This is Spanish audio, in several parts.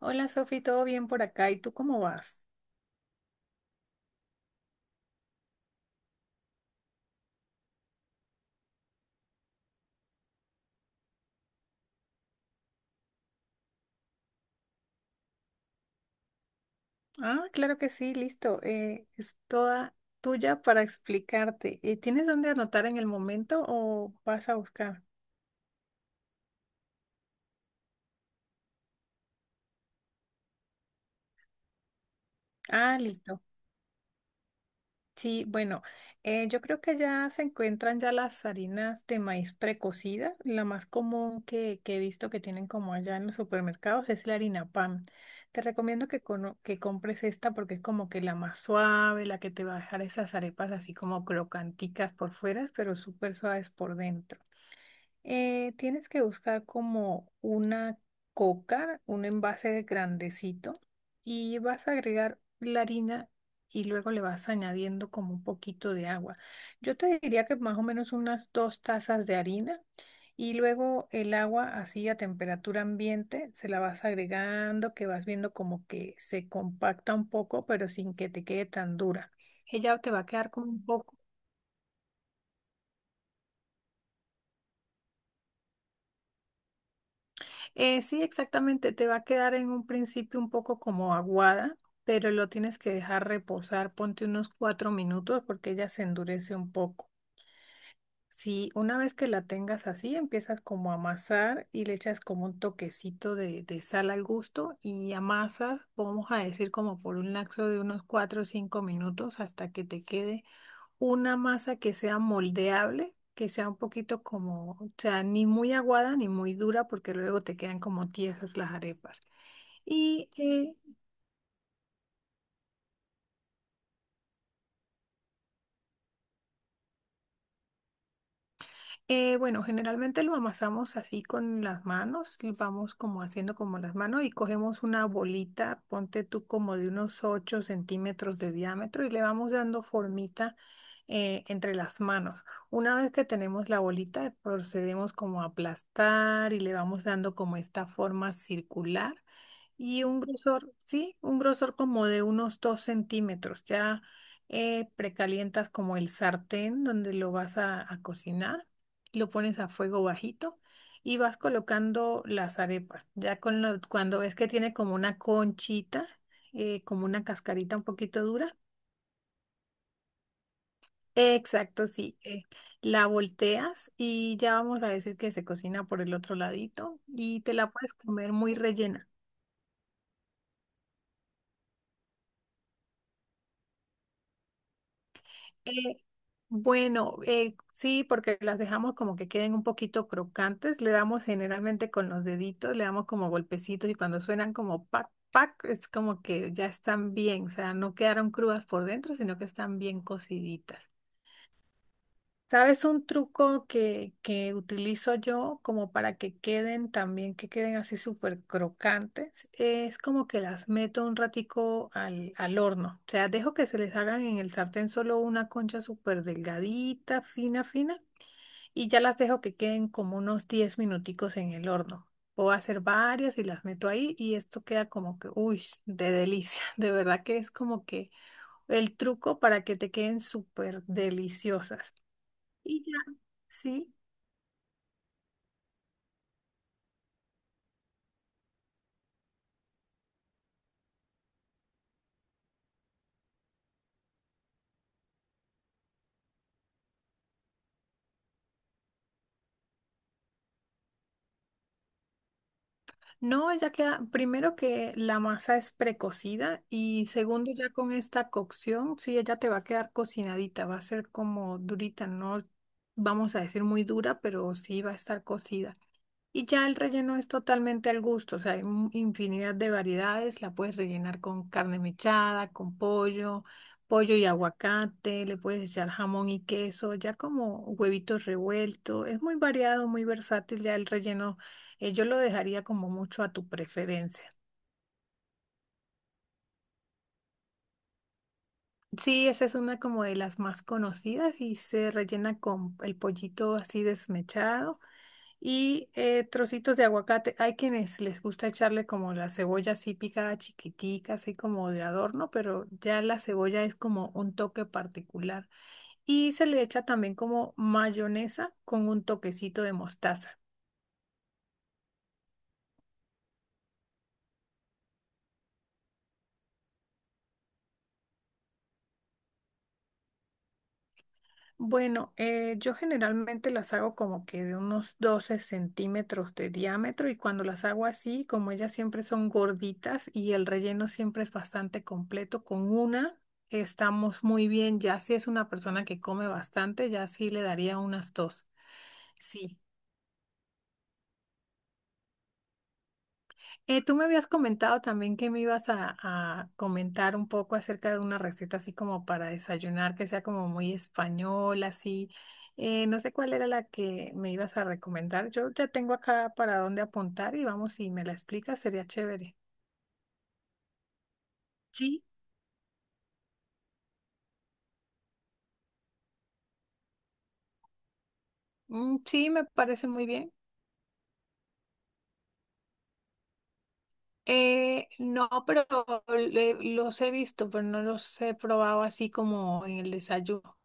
Hola Sofi, ¿todo bien por acá? ¿Y tú cómo vas? Ah, claro que sí, listo. Es toda tuya para explicarte. ¿Tienes dónde anotar en el momento o vas a buscar? Ah, listo. Sí, bueno, yo creo que ya se encuentran ya las harinas de maíz precocida. La más común que he visto que tienen como allá en los supermercados es la harina pan. Te recomiendo que compres esta porque es como que la más suave, la que te va a dejar esas arepas así como crocanticas por fuera, pero súper suaves por dentro. Tienes que buscar como una coca, un envase grandecito, y vas a agregar la harina y luego le vas añadiendo como un poquito de agua. Yo te diría que más o menos unas 2 tazas de harina y luego el agua así a temperatura ambiente se la vas agregando, que vas viendo como que se compacta un poco, pero sin que te quede tan dura. Ella te va a quedar como un poco. Sí, exactamente. Te va a quedar en un principio un poco como aguada, pero lo tienes que dejar reposar. Ponte unos 4 minutos porque ella se endurece un poco. Si una vez que la tengas así, empiezas como a amasar y le echas como un toquecito de sal al gusto y amasas, vamos a decir como por un lapso de unos 4 o 5 minutos hasta que te quede una masa que sea moldeable, que sea un poquito como, o sea, ni muy aguada ni muy dura, porque luego te quedan como tiesas las arepas. Y eh, bueno, generalmente lo amasamos así con las manos, y vamos como haciendo como las manos y cogemos una bolita, ponte tú como de unos 8 centímetros de diámetro y le vamos dando formita entre las manos. Una vez que tenemos la bolita, procedemos como a aplastar y le vamos dando como esta forma circular. Y un grosor, sí, un grosor como de unos 2 centímetros. Ya precalientas como el sartén donde lo vas a cocinar, lo pones a fuego bajito y vas colocando las arepas. Ya cuando ves que tiene como una conchita, como una cascarita un poquito dura. Exacto, sí. La volteas y ya vamos a decir que se cocina por el otro ladito y te la puedes comer muy rellena. Eh, bueno, sí, porque las dejamos como que queden un poquito crocantes. Le damos generalmente con los deditos, le damos como golpecitos y cuando suenan como pac, pac, es como que ya están bien, o sea, no quedaron crudas por dentro, sino que están bien cociditas. ¿Sabes un truco que utilizo yo como para que queden también, que queden así súper crocantes? Es como que las meto un ratico al horno. O sea, dejo que se les hagan en el sartén solo una concha súper delgadita, fina, fina, y ya las dejo que queden como unos 10 minuticos en el horno. Puedo hacer varias y las meto ahí y esto queda como que, uy, de delicia. De verdad que es como que el truco para que te queden súper deliciosas. Y ya, sí. No, ya queda, primero que la masa es precocida y segundo ya con esta cocción, sí, ella te va a quedar cocinadita, va a ser como durita, no vamos a decir muy dura, pero sí va a estar cocida. Y ya el relleno es totalmente al gusto, o sea, hay infinidad de variedades, la puedes rellenar con carne mechada, con pollo, pollo y aguacate, le puedes echar jamón y queso, ya como huevitos revueltos, es muy variado, muy versátil, ya el relleno, yo lo dejaría como mucho a tu preferencia. Sí, esa es una como de las más conocidas y se rellena con el pollito así desmechado y trocitos de aguacate. Hay quienes les gusta echarle como la cebolla así picada chiquitica, así como de adorno, pero ya la cebolla es como un toque particular. Y se le echa también como mayonesa con un toquecito de mostaza. Bueno, yo generalmente las hago como que de unos 12 centímetros de diámetro y cuando las hago así, como ellas siempre son gorditas y el relleno siempre es bastante completo, con una estamos muy bien, ya si es una persona que come bastante, ya sí le daría unas dos. Sí. Tú me habías comentado también que me ibas a comentar un poco acerca de una receta así como para desayunar, que sea como muy española, así. No sé cuál era la que me ibas a recomendar. Yo ya tengo acá para dónde apuntar y vamos, si me la explicas, sería chévere. Sí, mm, sí, me parece muy bien. No, pero los he visto, pero no los he probado así como en el desayuno.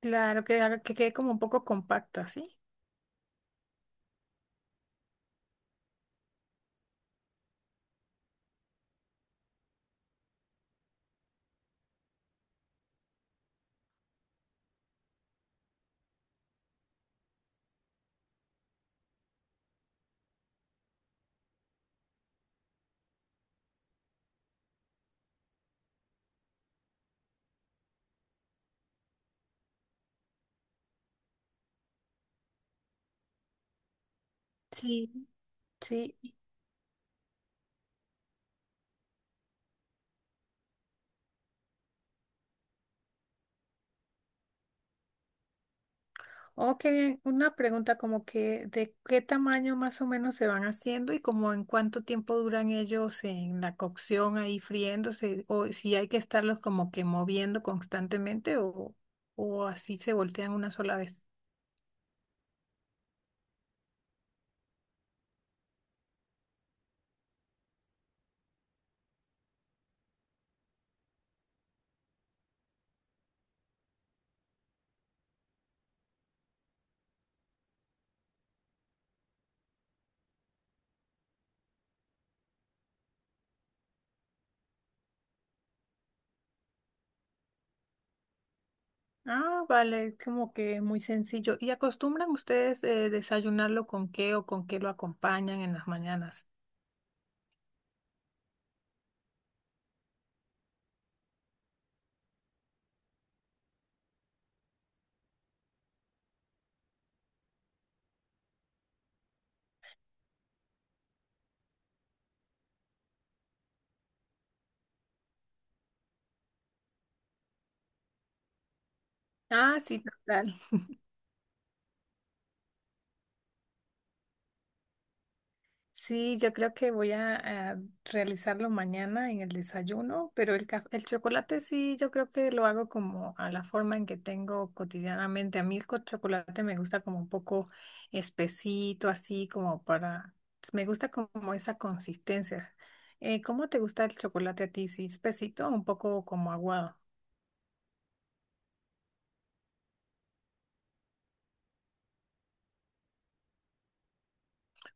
Claro, que quede como un poco compacta, ¿sí? Sí. Sí. Oh, qué bien. Una pregunta como que de qué tamaño más o menos se van haciendo y como en cuánto tiempo duran ellos en la cocción ahí friéndose o si hay que estarlos como que moviendo constantemente o así se voltean una sola vez. Ah, vale, como que muy sencillo. ¿Y acostumbran ustedes desayunarlo con qué o con qué lo acompañan en las mañanas? Ah, sí, total. Sí, yo creo que voy a realizarlo mañana en el desayuno, pero el chocolate sí, yo creo que lo hago como a la forma en que tengo cotidianamente. A mí el chocolate me gusta como un poco espesito, así como para, me gusta como esa consistencia. ¿Cómo te gusta el chocolate a ti? ¿Sí espesito o un poco como aguado?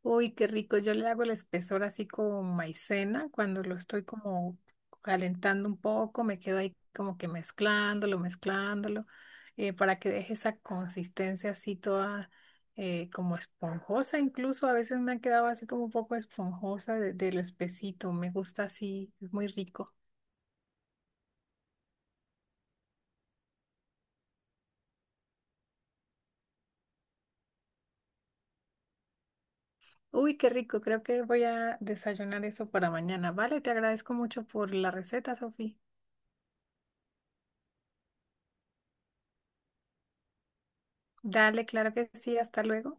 Uy, qué rico. Yo le hago el espesor así con maicena cuando lo estoy como calentando un poco, me quedo ahí como que mezclándolo, mezclándolo, para que deje esa consistencia así toda como esponjosa. Incluso a veces me ha quedado así como un poco esponjosa de lo espesito. Me gusta así, es muy rico. Uy, qué rico. Creo que voy a desayunar eso para mañana. Vale, te agradezco mucho por la receta, Sofía. Dale, claro que sí. Hasta luego.